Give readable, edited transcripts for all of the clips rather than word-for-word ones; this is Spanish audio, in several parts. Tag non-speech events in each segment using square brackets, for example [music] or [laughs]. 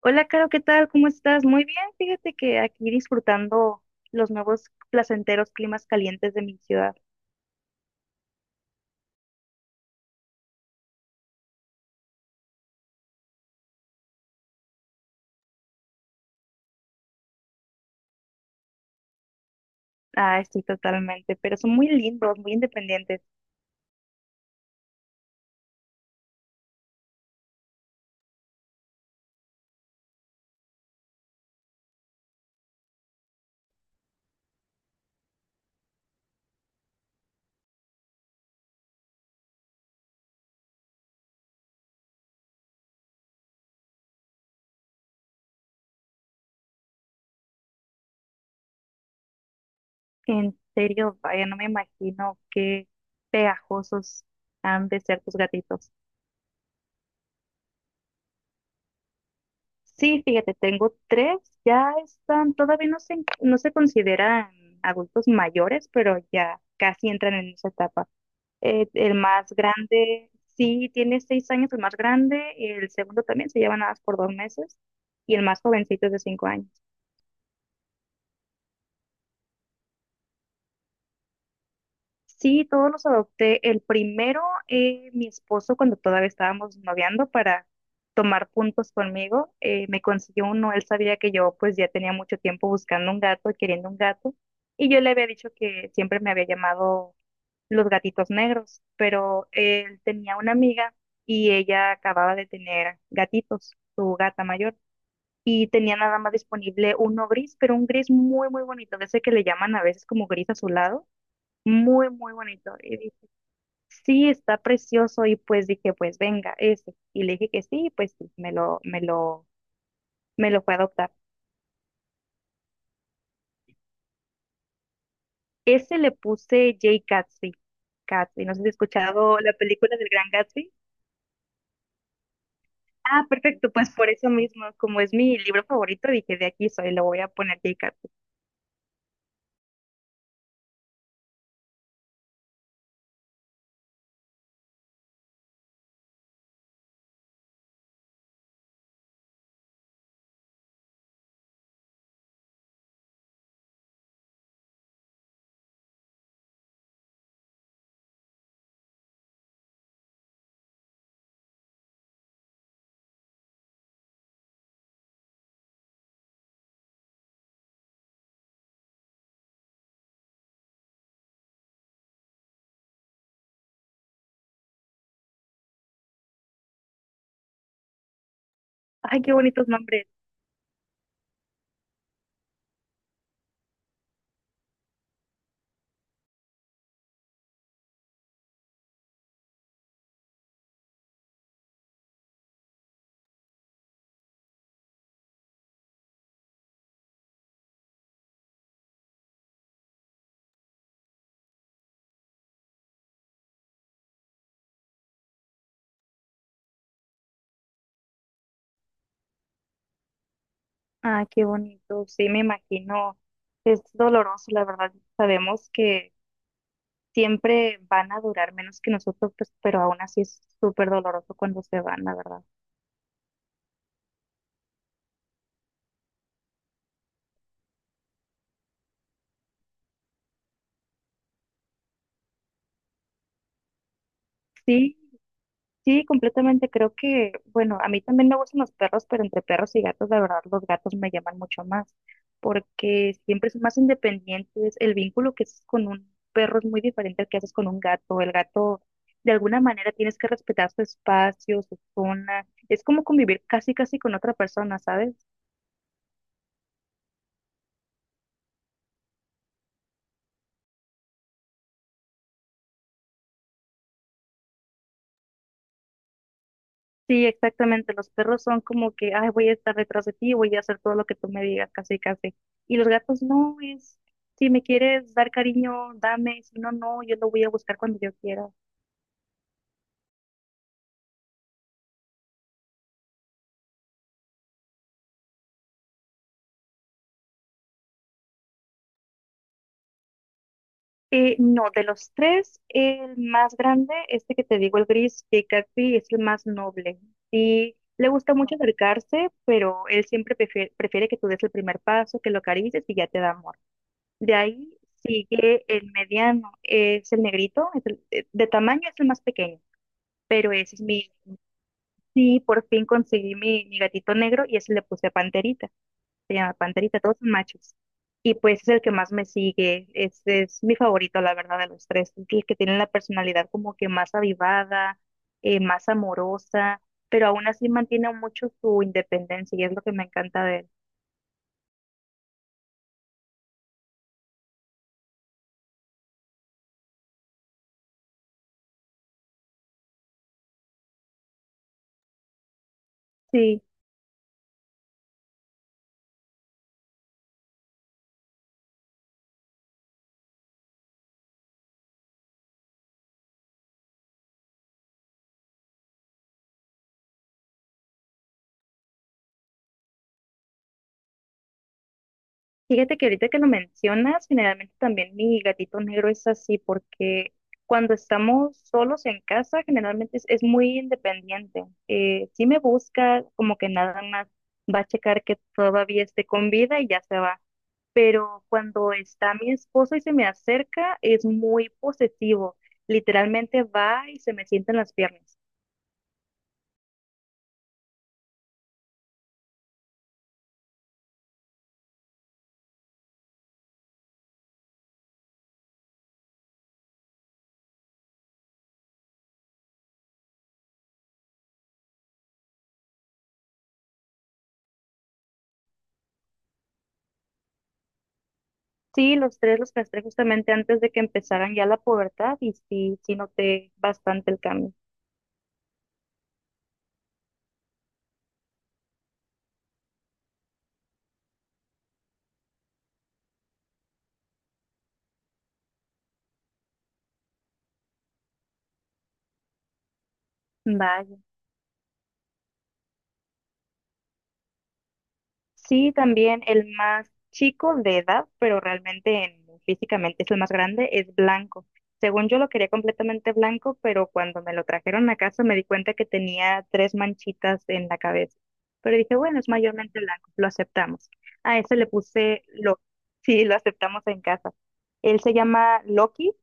Hola, Caro, ¿qué tal? ¿Cómo estás? Muy bien, fíjate que aquí disfrutando los nuevos placenteros climas calientes de mi ciudad. Ah, estoy totalmente, pero son muy lindos, muy independientes. En serio, vaya, no me imagino qué pegajosos han de ser tus gatitos. Sí, fíjate, tengo tres, ya están, todavía no se consideran adultos mayores, pero ya casi entran en esa etapa. El más grande, sí, tiene 6 años, el más grande, el segundo también se lleva nada más por 2 meses, y el más jovencito es de 5 años. Sí, todos los adopté. El primero, mi esposo, cuando todavía estábamos noviando para tomar puntos conmigo, me consiguió uno. Él sabía que yo pues ya tenía mucho tiempo buscando un gato, queriendo un gato, y yo le había dicho que siempre me había llamado los gatitos negros, pero él tenía una amiga y ella acababa de tener gatitos, su gata mayor, y tenía nada más disponible uno gris, pero un gris muy, muy bonito, de ese que le llaman a veces como gris azulado, muy, muy bonito. Y dije, sí, está precioso, y pues dije, pues venga, ese. Y le dije que sí, pues sí, me lo fue a adoptar. Ese le puse Jay Gatsby, Gatsby, no sé si has escuchado la película del Gran Gatsby. Ah, perfecto, pues por eso mismo, como es mi libro favorito, dije de aquí soy, lo voy a poner Yeikatu. Ay, qué bonitos nombres. Ah, qué bonito. Sí, me imagino. Es doloroso, la verdad. Sabemos que siempre van a durar menos que nosotros, pues, pero aún así es súper doloroso cuando se van, la verdad. Sí, sí, completamente. Creo que, bueno, a mí también me gustan los perros, pero entre perros y gatos, la verdad, los gatos me llaman mucho más, porque siempre son más independientes. El vínculo que haces con un perro es muy diferente al que haces con un gato. El gato, de alguna manera, tienes que respetar su espacio, su zona. Es como convivir casi, casi con otra persona, ¿sabes? Sí, exactamente. Los perros son como que, ay, voy a estar detrás de ti, voy a hacer todo lo que tú me digas, casi, casi. Y los gatos no, es, si me quieres dar cariño, dame, si no, no, yo lo voy a buscar cuando yo quiera. No, de los tres, el más grande, este que te digo, el gris, que casi es el más noble. Sí, le gusta mucho acercarse, pero él siempre prefiere, prefiere que tú des el primer paso, que lo acaricies y ya te da amor. De ahí sigue el mediano, es el negrito, de tamaño es el más pequeño. Pero ese es mi, sí, por fin conseguí mi gatito negro y ese le puse Panterita, se llama Panterita, todos son machos. Y pues es el que más me sigue, este es mi favorito, la verdad, de los tres, es el que tiene la personalidad como que más avivada, más amorosa, pero aún así mantiene mucho su independencia y es lo que me encanta de él. Sí. Fíjate que ahorita que lo mencionas, generalmente también mi gatito negro es así, porque cuando estamos solos en casa, generalmente es muy independiente. Sí me busca, como que nada más va a checar que todavía esté con vida y ya se va. Pero cuando está mi esposo y se me acerca, es muy posesivo. Literalmente va y se me sienta en las piernas. Sí, los tres los castré justamente antes de que empezaran ya la pubertad y sí, sí noté bastante el cambio. Vaya. Sí, también el más chico de edad, pero realmente físicamente es el más grande, es blanco. Según yo lo quería completamente blanco, pero cuando me lo trajeron a casa me di cuenta que tenía tres manchitas en la cabeza. Pero dije, bueno, es mayormente blanco, lo aceptamos. A ese le puse lo, [laughs] sí, lo aceptamos en casa. Él se llama Loki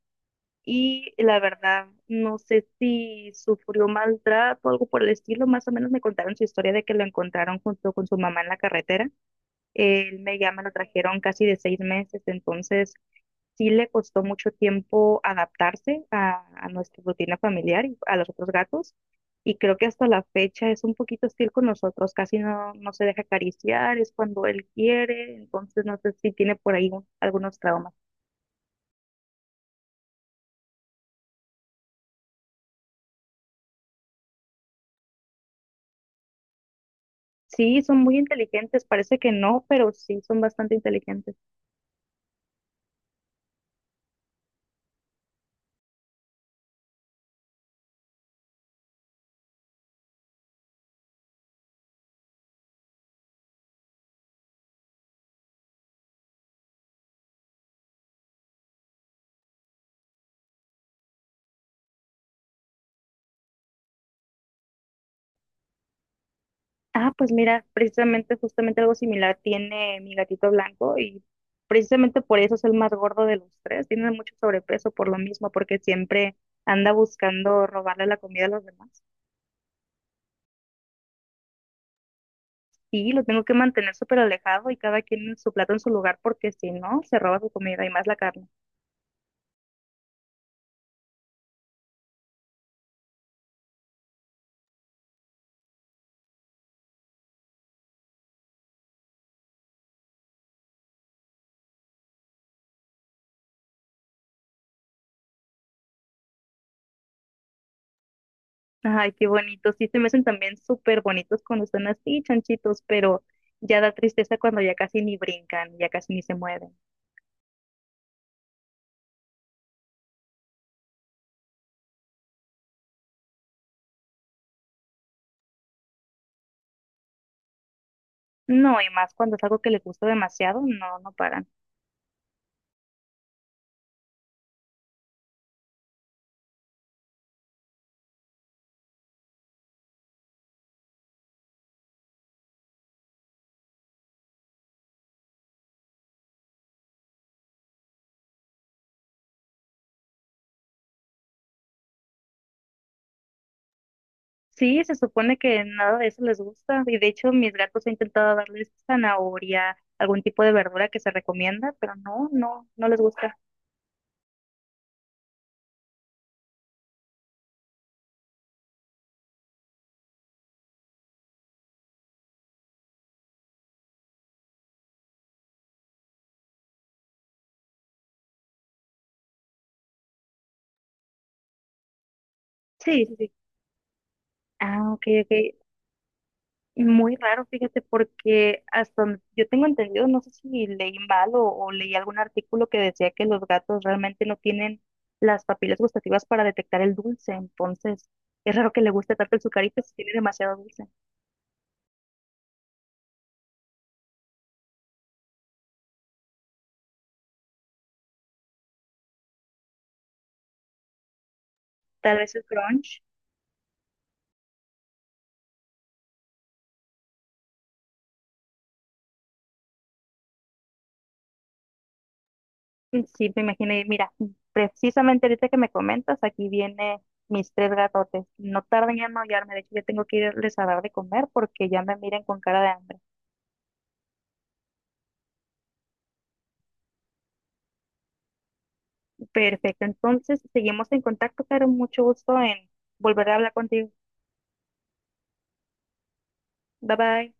y la verdad no sé si sufrió maltrato o algo por el estilo. Más o menos me contaron su historia de que lo encontraron junto con su mamá en la carretera él me ya me lo trajeron casi de 6 meses, entonces sí le costó mucho tiempo adaptarse a nuestra rutina familiar y a los otros gatos. Y creo que hasta la fecha es un poquito hostil con nosotros, casi no, no se deja acariciar, es cuando él quiere, entonces no sé si tiene por ahí algunos traumas. Sí, son muy inteligentes, parece que no, pero sí son bastante inteligentes. Ah, pues mira, precisamente, justamente algo similar tiene mi gatito blanco y precisamente por eso es el más gordo de los tres. Tiene mucho sobrepeso por lo mismo, porque siempre anda buscando robarle la comida a los demás. Y lo tengo que mantener súper alejado y cada quien en su plato en su lugar, porque si no, se roba su comida y más la carne. Ay, qué bonito. Sí, se me hacen también súper bonitos cuando están así, chanchitos, pero ya da tristeza cuando ya casi ni brincan, ya casi ni se mueven. No, y más cuando es algo que les gusta demasiado, no, no paran. Sí, se supone que nada de eso les gusta y de hecho mis gatos he intentado darles zanahoria, algún tipo de verdura que se recomienda, pero no, no, no les gusta. Sí, sí, sí. Ah, ok, ok. Muy raro, fíjate, porque hasta donde yo tengo entendido, no sé si leí mal o leí algún artículo que decía que los gatos realmente no tienen las papilas gustativas para detectar el dulce, entonces es raro que le guste tanto el sucarito si tiene demasiado dulce. Tal vez el crunch. Sí, me imaginé. Mira, precisamente ahorita que me comentas, aquí viene mis tres gatotes. No tardan en maullarme. De hecho, ya tengo que irles a dar de comer porque ya me miran con cara de hambre. Perfecto. Entonces, seguimos en contacto, Caro. Mucho gusto en volver a hablar contigo. Bye bye.